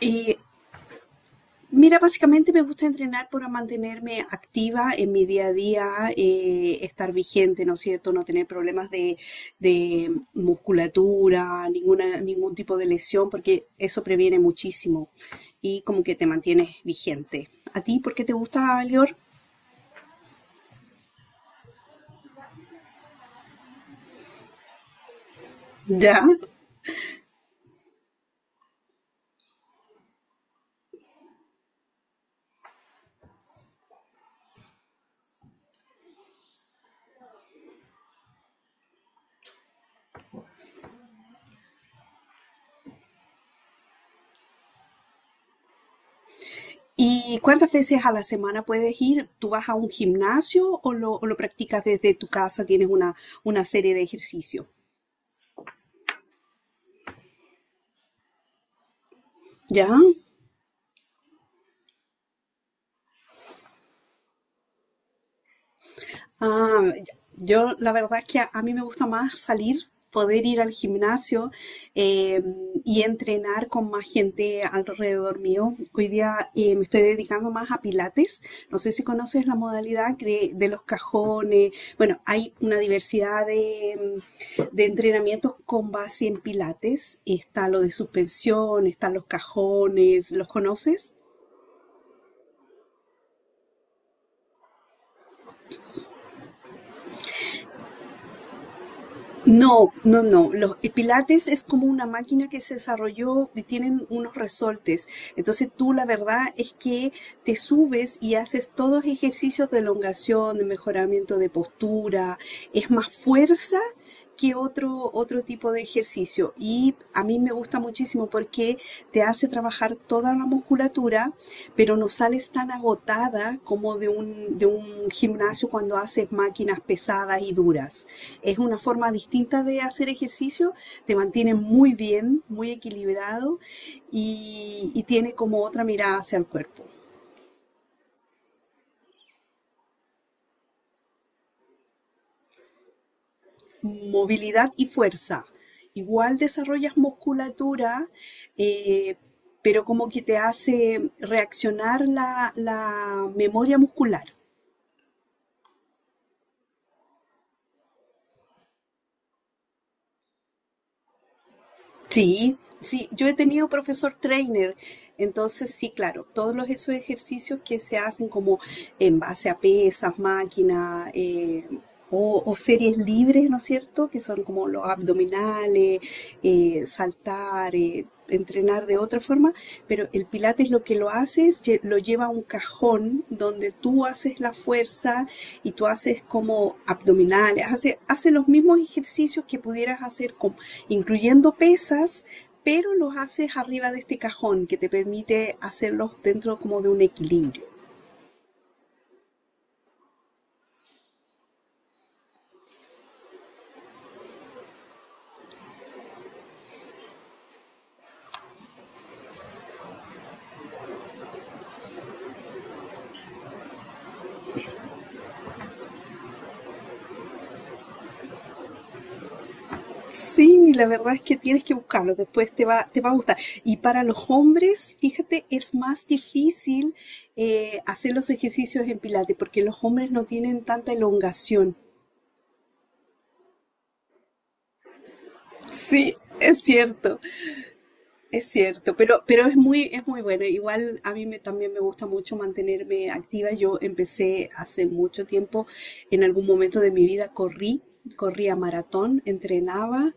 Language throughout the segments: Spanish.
Y mira, básicamente me gusta entrenar para mantenerme activa en mi día a día, estar vigente, ¿no es cierto? No tener problemas de musculatura, ningún tipo de lesión, porque eso previene muchísimo y como que te mantienes vigente. ¿A ti por qué te gusta, Lior? Ya. ¿Y cuántas veces a la semana puedes ir? ¿Tú vas a un gimnasio o lo practicas desde tu casa? ¿Tienes una serie de ejercicios? ¿Ya? Ah, yo la verdad es que a mí me gusta más salir, poder ir al gimnasio eh, y entrenar con más gente alrededor mío. Hoy día me estoy dedicando más a pilates. No sé si conoces la modalidad de los cajones. Bueno, hay una diversidad de entrenamientos con base en pilates. Está lo de suspensión, están los cajones. ¿Los conoces? No, no, no. Los y Pilates es como una máquina que se desarrolló y tienen unos resortes. Entonces tú la verdad es que te subes y haces todos ejercicios de elongación, de mejoramiento de postura. Es más fuerza que otro tipo de ejercicio. Y a mí me gusta muchísimo porque te hace trabajar toda la musculatura, pero no sales tan agotada como de de un gimnasio cuando haces máquinas pesadas y duras. Es una forma distinta de hacer ejercicio, te mantiene muy bien, muy equilibrado y tiene como otra mirada hacia el cuerpo. Movilidad y fuerza. Igual desarrollas musculatura, eh, pero como que te hace reaccionar la memoria muscular. Sí, sí, yo he tenido profesor trainer, entonces sí, claro, todos los, esos ejercicios que se hacen como en base a pesas, máquinas o series libres, ¿no es cierto? Que son como los abdominales, saltar, entrenar de otra forma, pero el pilates lo que lo hace es lo lleva a un cajón donde tú haces la fuerza y tú haces como abdominales, hace los mismos ejercicios que pudieras hacer incluyendo pesas, pero los haces arriba de este cajón que te permite hacerlos dentro como de un equilibrio. Sí, la verdad es que tienes que buscarlo, después te va a gustar. Y para los hombres, fíjate, es más difícil hacer los ejercicios en Pilates porque los hombres no tienen tanta elongación. Sí, es cierto, es cierto, pero es muy bueno. Igual a mí me, también me gusta mucho mantenerme activa. Yo empecé hace mucho tiempo, en algún momento de mi vida corrí, corría maratón, entrenaba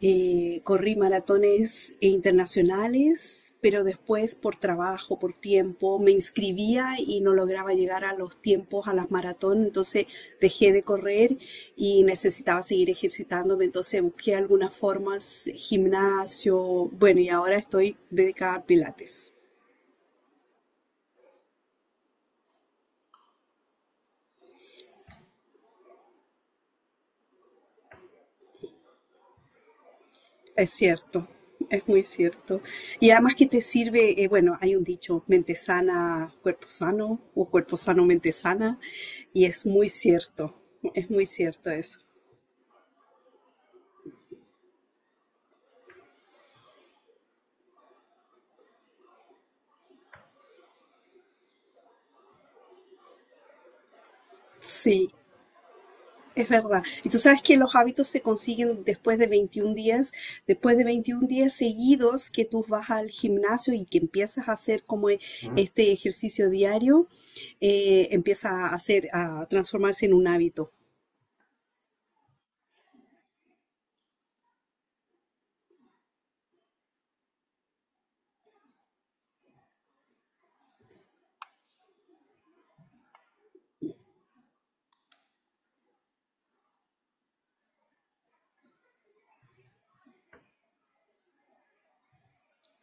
Corrí maratones internacionales, pero después por trabajo, por tiempo, me inscribía y no lograba llegar a los tiempos, a las maratones, entonces dejé de correr y necesitaba seguir ejercitándome, entonces busqué algunas formas, gimnasio, bueno, y ahora estoy dedicada a pilates. Es cierto, es muy cierto. Y además que te sirve, bueno, hay un dicho, mente sana, cuerpo sano, o cuerpo sano, mente sana, y es muy cierto eso. Sí, es verdad. Y tú sabes que los hábitos se consiguen después de 21 días, después de 21 días seguidos que tú vas al gimnasio y que empiezas a hacer este ejercicio diario, empieza a hacer, a transformarse en un hábito.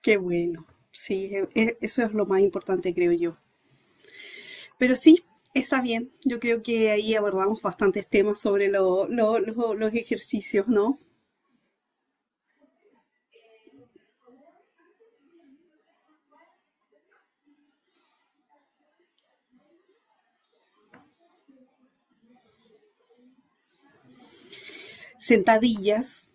Qué bueno. Sí, eso es lo más importante, creo yo. Pero sí, está bien. Yo creo que ahí abordamos bastantes temas sobre los ejercicios, ¿no? Sentadillas.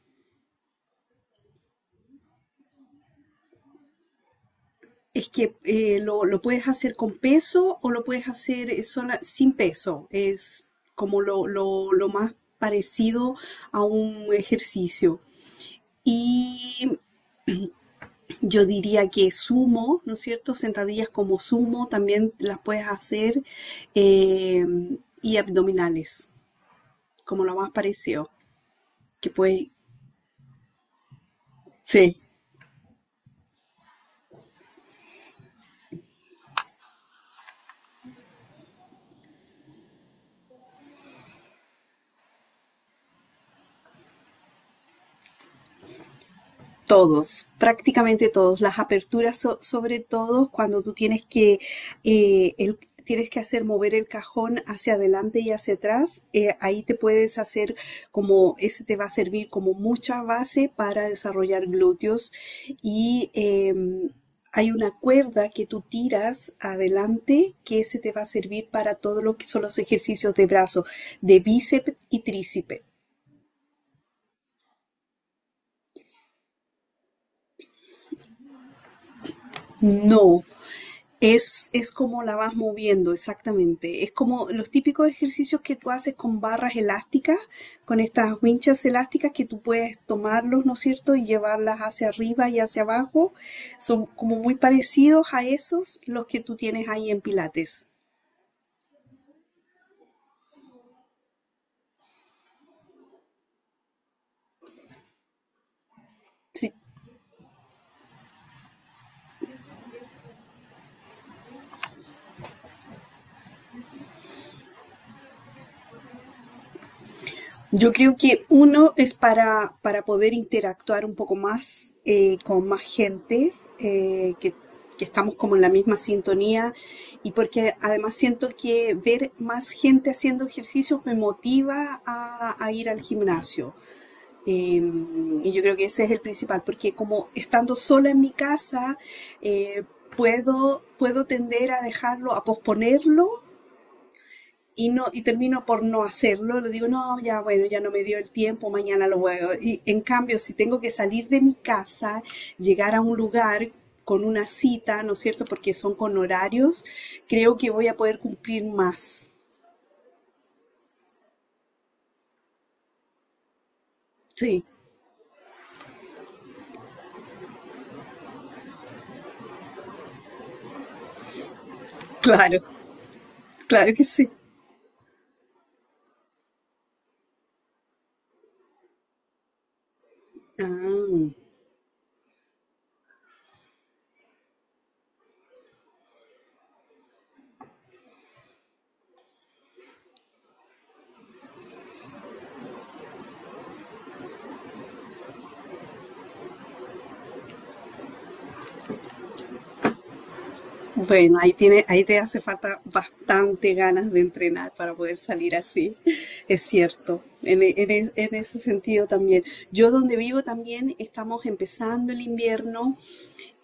Es que lo puedes hacer con peso o lo puedes hacer sin peso. Es como lo más parecido a un ejercicio. Y Yo diría que sumo, ¿no es cierto? Sentadillas como sumo también las puedes hacer eh, y abdominales, como lo más parecido, que puedes sí. Todos, prácticamente todos. Las aperturas, sobre todo cuando tú tienes que, eh, el- tienes que hacer mover el cajón hacia adelante y hacia atrás, ahí te puedes hacer como, ese te va a servir como mucha base para desarrollar glúteos. Y hay una cuerda que tú tiras adelante que ese te va a servir para todo lo que son los ejercicios de brazo, de bíceps y tríceps. No, es como la vas moviendo, exactamente. Es como los típicos ejercicios que tú haces con barras elásticas, con estas winchas elásticas que tú puedes tomarlos, ¿no es cierto?, y llevarlas hacia arriba y hacia abajo. Son como muy parecidos a esos los que tú tienes ahí en Pilates. Sí. Yo creo que uno es para poder interactuar un poco más con más gente, eh, que, que estamos como en la misma sintonía y porque además siento que ver más gente haciendo ejercicios me motiva a ir al gimnasio. Eh, y yo creo que ese es el principal, porque como estando sola en mi casa, eh, puedo tender a dejarlo, a posponerlo y termino por no hacerlo, le digo, no, ya bueno, ya no me dio el tiempo, mañana lo voy a hacer. Y en cambio, si tengo que salir de mi casa, llegar a un lugar con una cita, ¿no es cierto? Porque son con horarios, creo que voy a poder cumplir más. Sí, claro, claro que sí. Ah, bueno, ahí tiene, ahí te hace falta bastante ganas de entrenar para poder salir así. Es cierto. En, e- en es- en ese sentido también. Yo donde vivo también estamos empezando el invierno.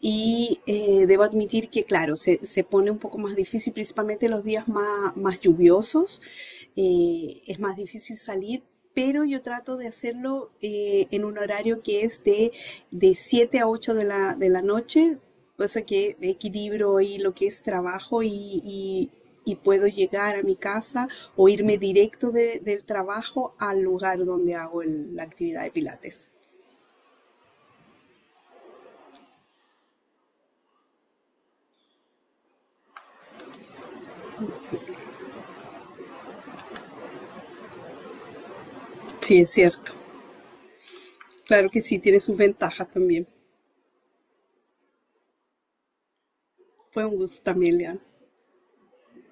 Y debo admitir que, claro, se pone un poco más difícil, principalmente los días más, más lluviosos. Eh, es más difícil salir, pero yo trato de hacerlo en un horario que es de 7 a 8 de de la noche, cosa que equilibro ahí lo que es trabajo y, y- y puedo llegar a mi casa o irme directo del trabajo al lugar donde hago la actividad de pilates. Sí, es cierto. Claro que sí, tiene sus ventajas también. Fue un gusto también, León.